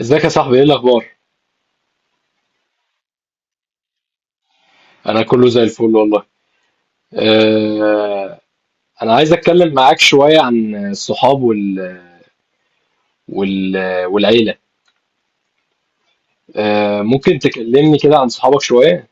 ازيك يا صاحبي، ايه الاخبار؟ انا كله زي الفل والله. أه انا عايز اتكلم معاك شويه عن الصحاب وال... والعيله. ممكن تكلمني كده عن صحابك شويه؟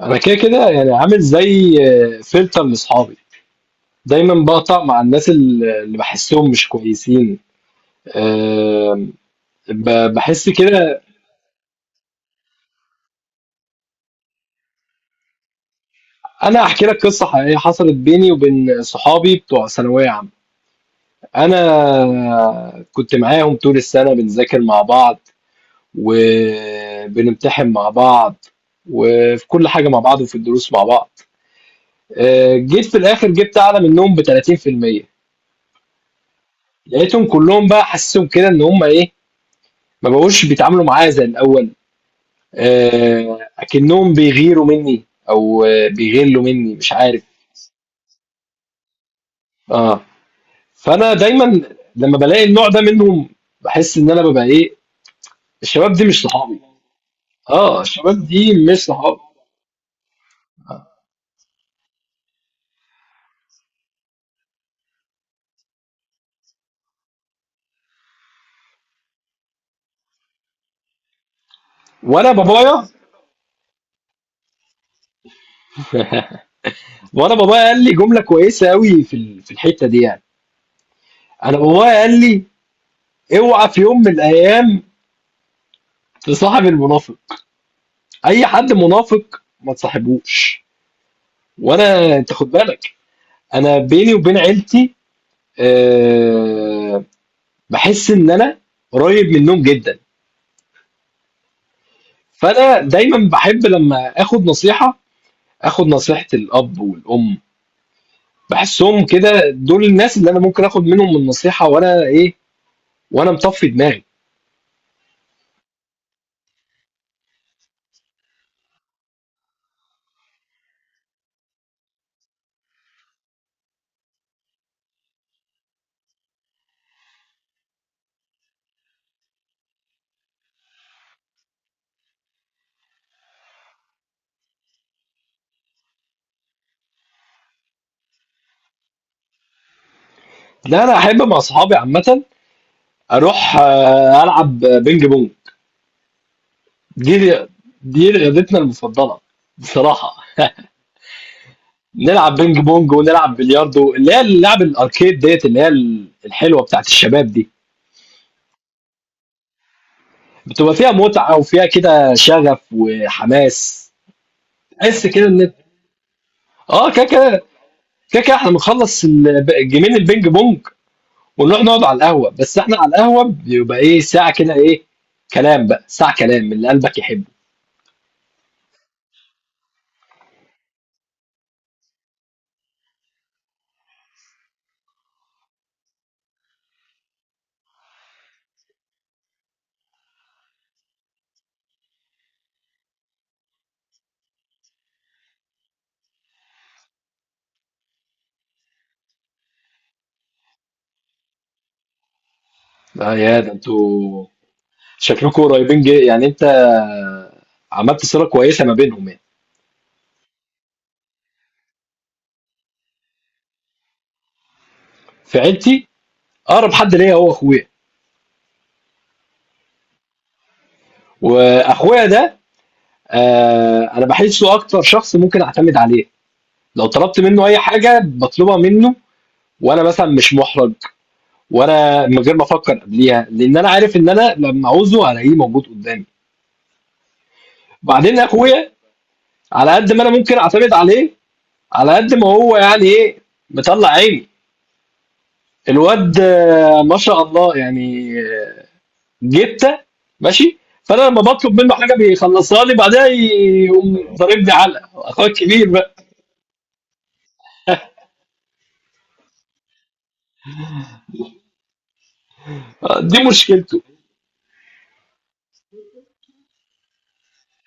انا كده كده يعني عامل زي فلتر لاصحابي. دايما بقطع مع الناس اللي بحسهم مش كويسين. أه بحس كده. انا احكي لك قصه حقيقيه حصلت بيني وبين صحابي بتوع ثانويه عامه. انا كنت معاهم طول السنه بنذاكر مع بعض، وبنمتحن مع بعض، وفي كل حاجة مع بعض، وفي الدروس مع بعض. جيت في الآخر جبت أعلى منهم ب 30%. لقيتهم كلهم بقى حاسسهم كده إن هم إيه، ما بقوش بيتعاملوا معايا زي الأول. أكنهم بيغيروا مني، أو بيغلوا مني، مش عارف. آه فأنا دايما لما بلاقي النوع ده منهم، بحس إن أنا ببقى إيه، الشباب دي مش صحابي. آه، الشباب دي مش صحابي. وأنا بابايا قال لي جمله كويسه قوي في في الحته دي يعني. انا بابايا قال لي، اوعى في يوم من الايام تصاحب المنافق، اي حد منافق ما تصاحبوش. وانا انت خد بالك، انا بيني وبين عيلتي، أه بحس ان انا قريب منهم جدا. فانا دايما بحب لما اخد نصيحه، اخد نصيحه الاب والام. بحسهم كده دول الناس اللي انا ممكن اخد منهم النصيحه، وانا ايه، وانا مطفي دماغي. لا، انا احب مع اصحابي عامه اروح العب بينج بونج. دي دي رياضتنا المفضله بصراحه. نلعب بينج بونج، ونلعب بلياردو، اللي هي اللعب الاركيد ديت، اللي هي الحلوه بتاعت الشباب دي. بتبقى فيها متعه وفيها كده شغف وحماس. تحس كده ان، اه، كده كده احنا بنخلص جيمين البينج بونج، ونروح نقعد على القهوه. بس احنا على القهوه بيبقى ايه، ساعه كده ايه، كلام بقى، ساعه كلام من اللي قلبك يحبه. آه يا ده، انتوا شكلكم قريبين جي يعني، انت عملت صله كويسه ما بينهم يعني. في عيلتي، اقرب حد ليا هو اخويا. واخويا ده، آه، انا بحسه اكتر شخص ممكن اعتمد عليه. لو طلبت منه اي حاجه بطلبها منه، وانا مثلا مش محرج، وانا من غير ما افكر قبليها، لان انا عارف ان انا لما عاوزه هلاقيه موجود قدامي. بعدين اخويا على قد ما انا ممكن اعتمد عليه، على قد ما هو يعني ايه، مطلع عيني. الواد ما شاء الله يعني، جبته ماشي. فانا لما بطلب منه حاجه بيخلصها لي، بعدها يقوم ضاربني علقه، اخويا الكبير بقى. دي مشكلته.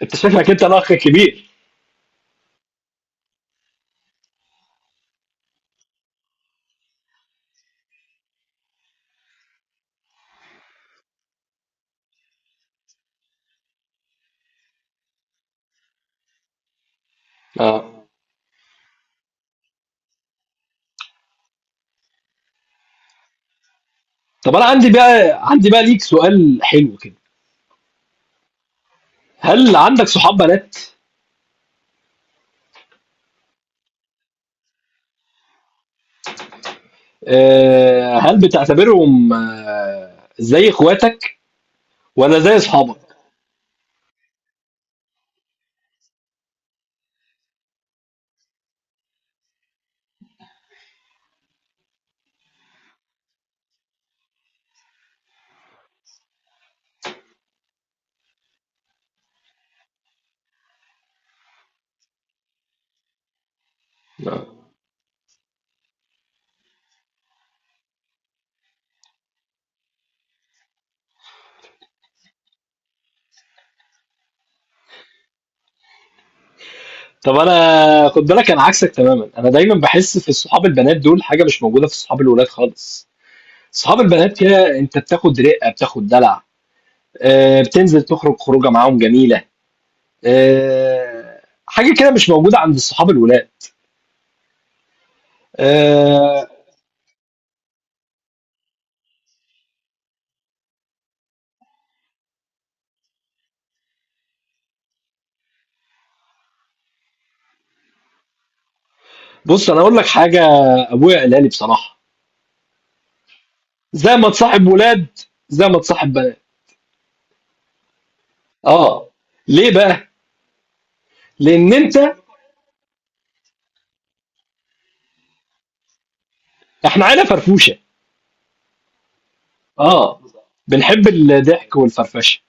انت شكلك انت الاخ الكبير. اه. طب انا عندي بقى، عندي بقى ليك سؤال حلو كده، هل عندك صحاب بنات؟ آه، هل بتعتبرهم آه زي اخواتك ولا زي اصحابك؟ آه. طب انا خد بالك انا عكسك تماما. انا دايما بحس في الصحاب البنات دول حاجه مش موجوده في صحاب الولاد خالص. صحاب البنات كده انت بتاخد رقه، بتاخد دلع، بتنزل تخرج خروجة معاهم جميلة، آآ حاجة كده مش موجودة عند الصحاب الولاد. آآ بُص أنا هاقول لك حاجة، أبويا قالها لي بصراحة، زي ما تصاحب ولاد، زي ما تصاحب بنات. آه، ليه بقى؟ لإن أنت، إحنا عيلة فرفوشة، آه، بنحب الضحك والفرفشة.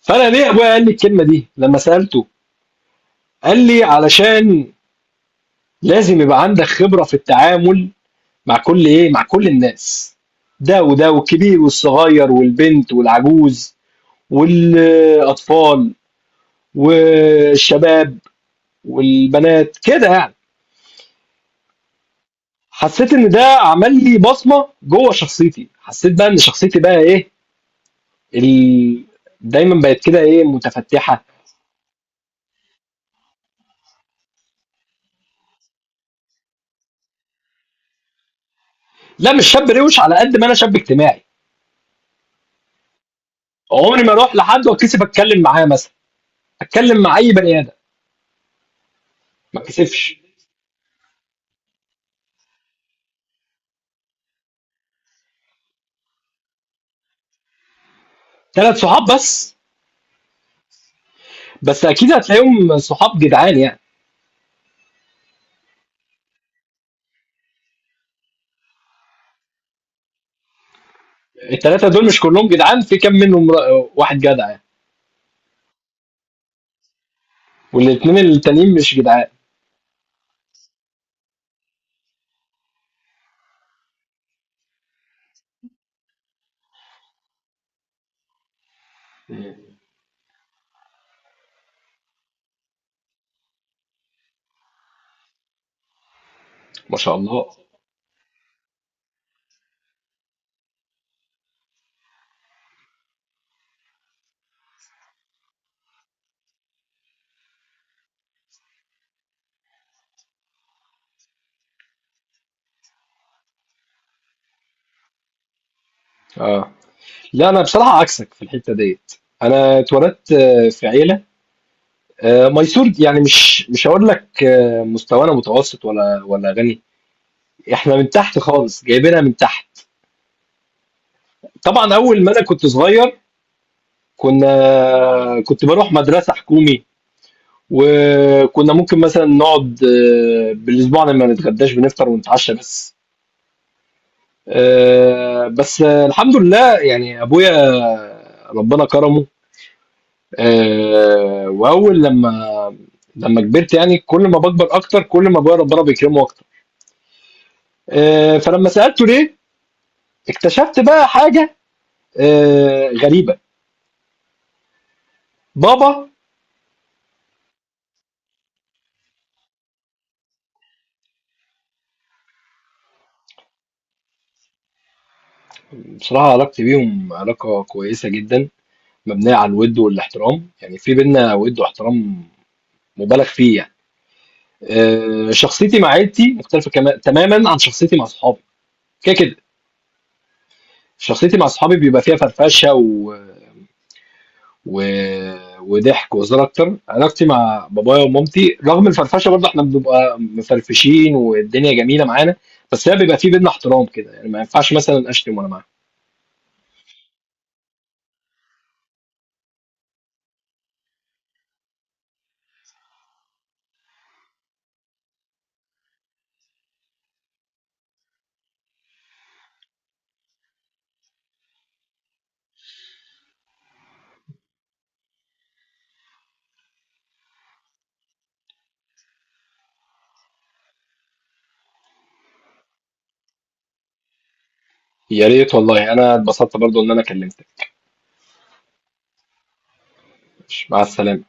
فأنا ليه أبويا قال لي الكلمة دي لمّا سألته؟ قال لي: "علشان لازم يبقى عندك خبرة في التعامل" مع كل ايه، مع كل الناس، ده وده، والكبير والصغير، والبنت والعجوز، والاطفال، والشباب، والبنات كده يعني. حسيت ان ده عمل لي بصمه جوه شخصيتي. حسيت بقى ان شخصيتي بقى ايه، ال... دايما بقت كده ايه، متفتحه. لا مش شاب روش، على قد ما انا شاب اجتماعي. عمري ما اروح لحد واتكسف اتكلم معاه مثلا، اتكلم مع اي بني ادم ما اتكسفش. ثلاث صحاب بس؟ بس اكيد هتلاقيهم صحاب جدعان يعني. الثلاثه دول مش كلهم جدعان؟ في كام منهم واحد جدع يعني، والاثنين التانيين مش جدعان؟ ما شاء الله. اه، لا انا بصراحه عكسك في الحته ديت. انا اتولدت في عيله ميسور يعني. مش هقول لك مستوانا متوسط ولا غني، احنا من تحت خالص، جايبينها من تحت. طبعا اول ما انا كنت صغير، كنا، كنت بروح مدرسه حكومي، وكنا ممكن مثلا نقعد بالاسبوع لما نتغداش، بنفطر ونتعشى بس. بس الحمد لله يعني، ابويا ربنا كرمه. واول لما، كبرت يعني، كل ما بكبر اكتر كل ما ابويا ربنا بيكرمه اكتر. فلما سالته ليه، اكتشفت بقى حاجه غريبه. بابا. بصراحه علاقتي بيهم علاقه كويسه جدا، مبنيه على الود والاحترام، يعني في بينا ود واحترام مبالغ فيه يعني. شخصيتي مع عيلتي مختلفه تماما عن شخصيتي مع صحابي. كده كده شخصيتي مع اصحابي بيبقى فيها فرفشه و... وضحك وهزار اكتر. علاقتي مع بابايا ومامتي رغم الفرفشه برضه احنا بنبقى مفرفشين والدنيا جميله معانا، بس هي بيبقى في بينا احترام كده يعني، ما ينفعش مثلا اشتم وانا معاهم. يا ريت والله، انا اتبسطت برضه ان انا كلمتك. مع السلامه.